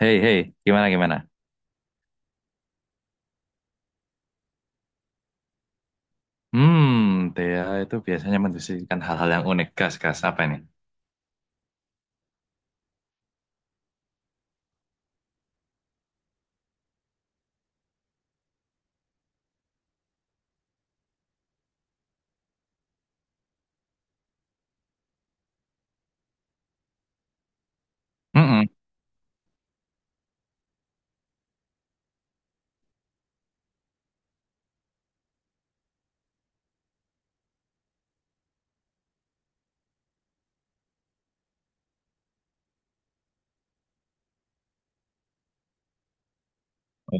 Hei, hei, gimana, gimana? Hmm, Thea itu biasanya mendiskusikan hal-hal yang unik. Gas, gas, apa ini? Mm-mm.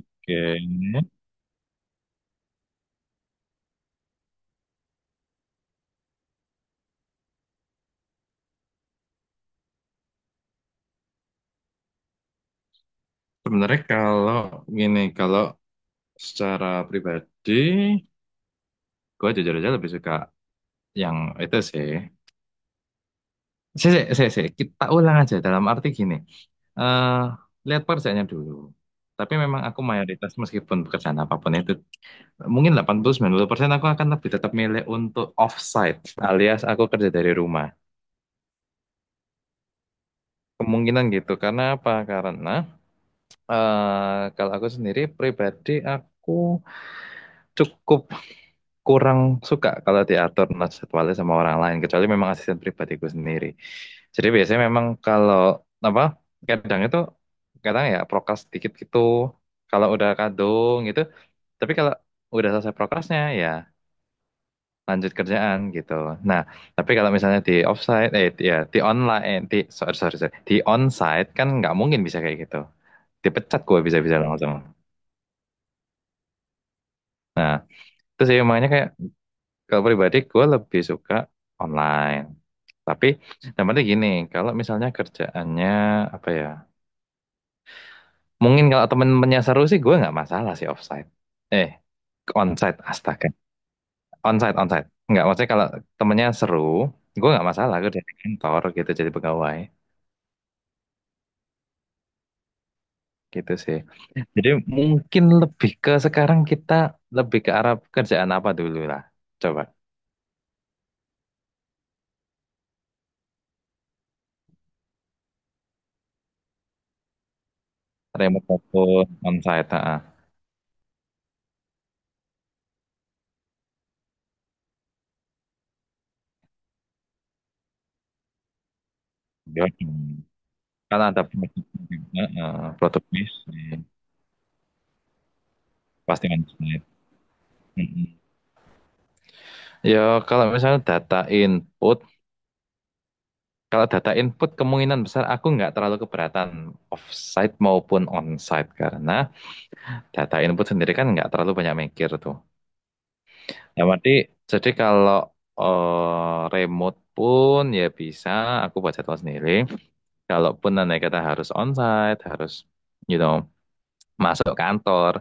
Oke. Sebenarnya kalau gini, kalau secara pribadi, gue jujur aja lebih suka yang itu sih. Sih, sih, sih, sih. Kita ulang aja dalam arti gini. eh lihat pekerjaannya dulu. Tapi memang aku mayoritas meskipun pekerjaan apapun itu, mungkin 80-90% aku akan lebih tetap milih untuk offsite alias aku kerja dari rumah. Kemungkinan gitu, karena apa? Karena kalau aku sendiri pribadi aku cukup kurang suka kalau diatur nah, jadwalnya sama orang lain, kecuali memang asisten pribadiku sendiri. Jadi biasanya memang kalau apa kadang itu kadang ya prokras dikit gitu, kalau udah kadung gitu. Tapi kalau udah selesai prokrasnya ya lanjut kerjaan gitu. Nah, tapi kalau misalnya di offsite, ya di online, sorry sorry, sorry, di onsite kan nggak mungkin bisa kayak gitu, dipecat gue bisa-bisa sama-sama. Terus ya makanya kayak kalau pribadi gue lebih suka online. Tapi namanya gini, kalau misalnya kerjaannya apa ya? Mungkin kalau temen-temennya seru sih gue nggak masalah sih offsite. Eh, onsite astaga. Onsite, onsite. Nggak, maksudnya kalau temennya seru, gue nggak masalah gue di kantor gitu jadi pegawai gitu sih. Jadi mungkin lebih ke sekarang kita lebih ke arah kerjaan apa dulu lah. Coba remote maupun onsite. Ah. Gimana? Karena ada produk juga, eh, produk bisnis, pasti kan bisnis. Mm-mm. Ya, kalau misalnya data input, kalau data input kemungkinan besar aku nggak terlalu keberatan offsite maupun onsite karena data input sendiri kan nggak terlalu banyak mikir tuh. Yang berarti jadi kalau remote pun ya bisa aku buat jadwal sendiri. Kalaupun nanti kata harus onsite, harus you know masuk kantor,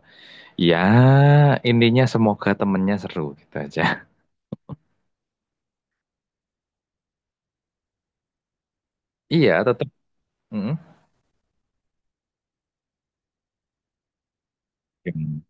ya intinya semoga temennya seru gitu aja. Iya, tetap. Mm. Yang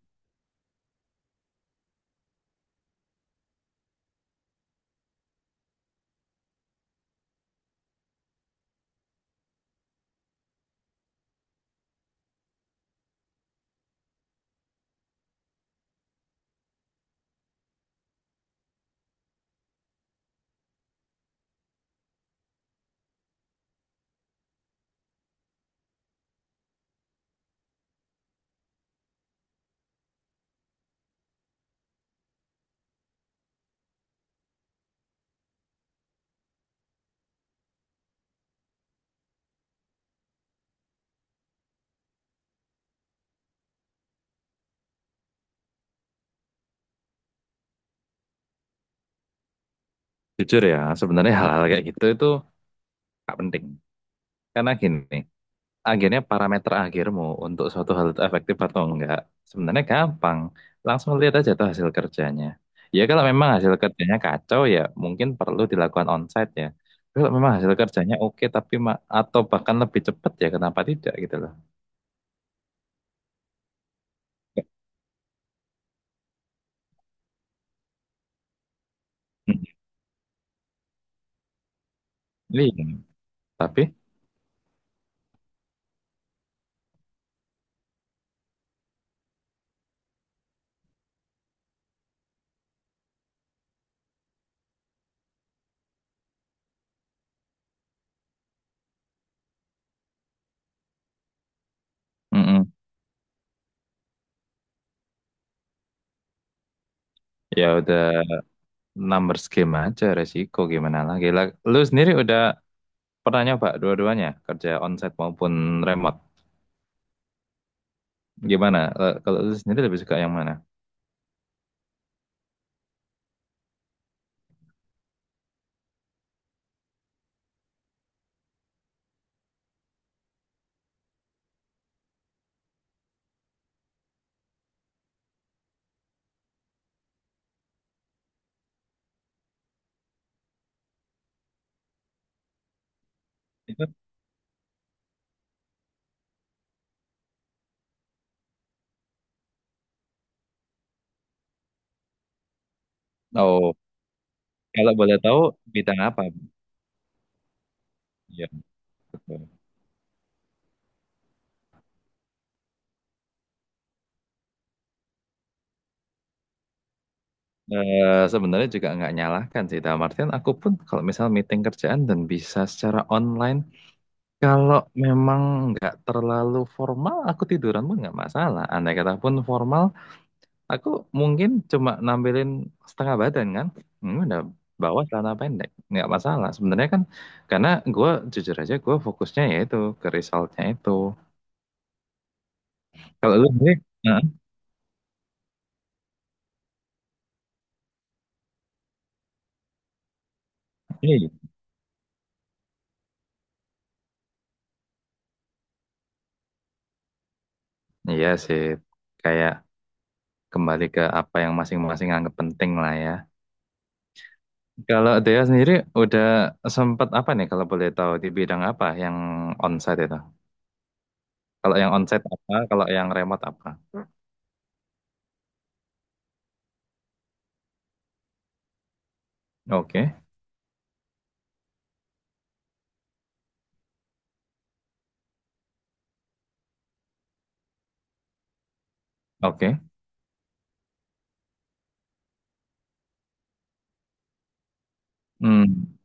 Jujur ya, sebenarnya hal-hal kayak gitu itu gak penting. Karena gini, akhirnya parameter akhirmu untuk suatu hal itu efektif atau enggak, sebenarnya gampang. Langsung lihat aja tuh hasil kerjanya. Ya kalau memang hasil kerjanya kacau ya mungkin perlu dilakukan onsite ya. Kalau memang hasil kerjanya oke tapi atau bahkan lebih cepat ya kenapa tidak gitu loh. Mm. Iya. Tapi mm-mm. Ya udah numbers game aja resiko gimana lagi. Lah, lu sendiri udah pernah nyoba dua-duanya, kerja onsite maupun remote. Gimana? Eh, kalau lu sendiri lebih suka yang mana? Itu. Oh, kalau boleh tahu bidang apa? Iya, betul. Eh, sebenarnya juga nggak nyalahkan sih, dalam artian aku pun kalau misal meeting kerjaan dan bisa secara online, kalau memang nggak terlalu formal, aku tiduran pun nggak masalah. Andai kata pun formal, aku mungkin cuma nampilin setengah badan kan. Udah bawa celana pendek. Nggak masalah. Sebenarnya kan karena gue jujur aja gue fokusnya ya itu ke resultnya itu. Kalau lu sendiri, nah, iya, iya sih. Kayak kembali ke apa yang masing-masing anggap penting lah ya. Kalau Dea sendiri udah sempat apa nih kalau boleh tahu di bidang apa yang onsite itu? Kalau yang onsite apa? Kalau yang remote apa? Oke, oke. Hmm.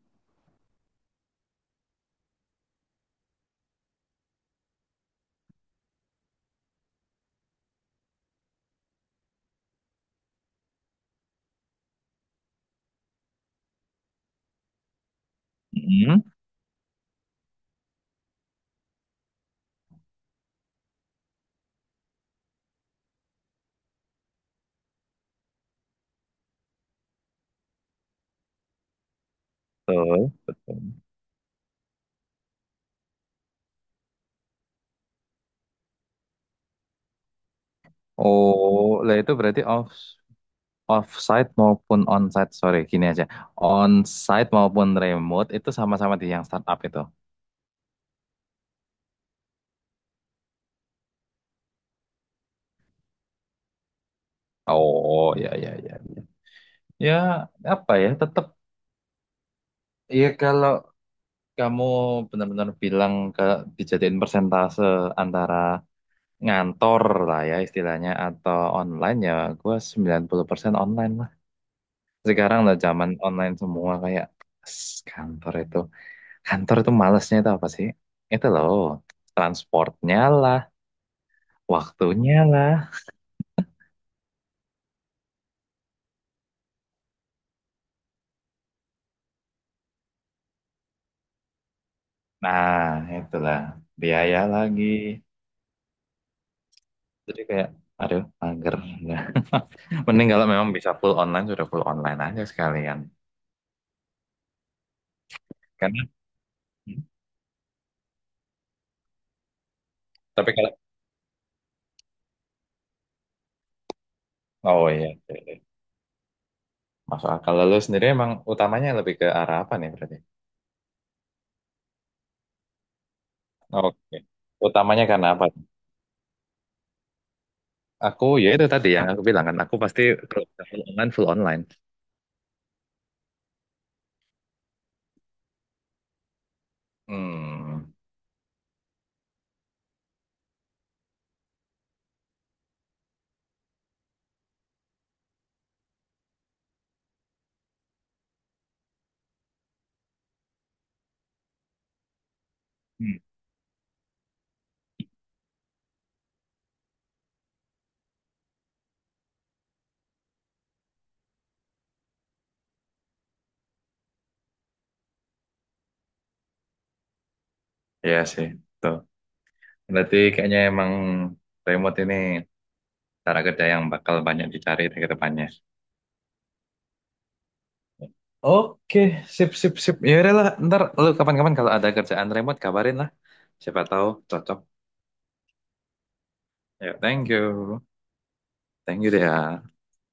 Hmm. Betul, betul. Oh, lah itu berarti offsite maupun onsite. Sorry, gini aja. Onsite maupun remote itu sama-sama di yang startup itu. Oh, ya, ya, ya. Ya, ya, apa ya? Tetap ya kalau kamu benar-benar bilang ke dijadiin persentase antara ngantor lah ya istilahnya atau online ya gua 90% online lah. Sekarang udah zaman online semua kayak, "Ss, kantor itu Kantor tuh malesnya itu apa sih? Itu loh, transportnya lah, waktunya lah. Nah, itulah, biaya lagi. Jadi kayak, aduh, mager. Nah, mending kalau memang bisa full online, sudah full online aja sekalian. Karena, tapi kalau, oh, iya, iya, iya, masuk akal. Lalu sendiri emang utamanya lebih ke arah apa nih berarti? Oke. Utamanya karena apa? Aku, ya itu tadi yang aku bilang kan, aku pasti kalau full online, full online. Hmm, hmm. Iya sih. Tuh. Berarti kayaknya emang remote ini cara kerja yang bakal banyak dicari ke depannya. Oke, sip, sip, sip. Ya udah lah, ntar lu kapan-kapan kalau ada kerjaan remote kabarin lah. Siapa tahu cocok. Ya, thank you. Thank you, Dea.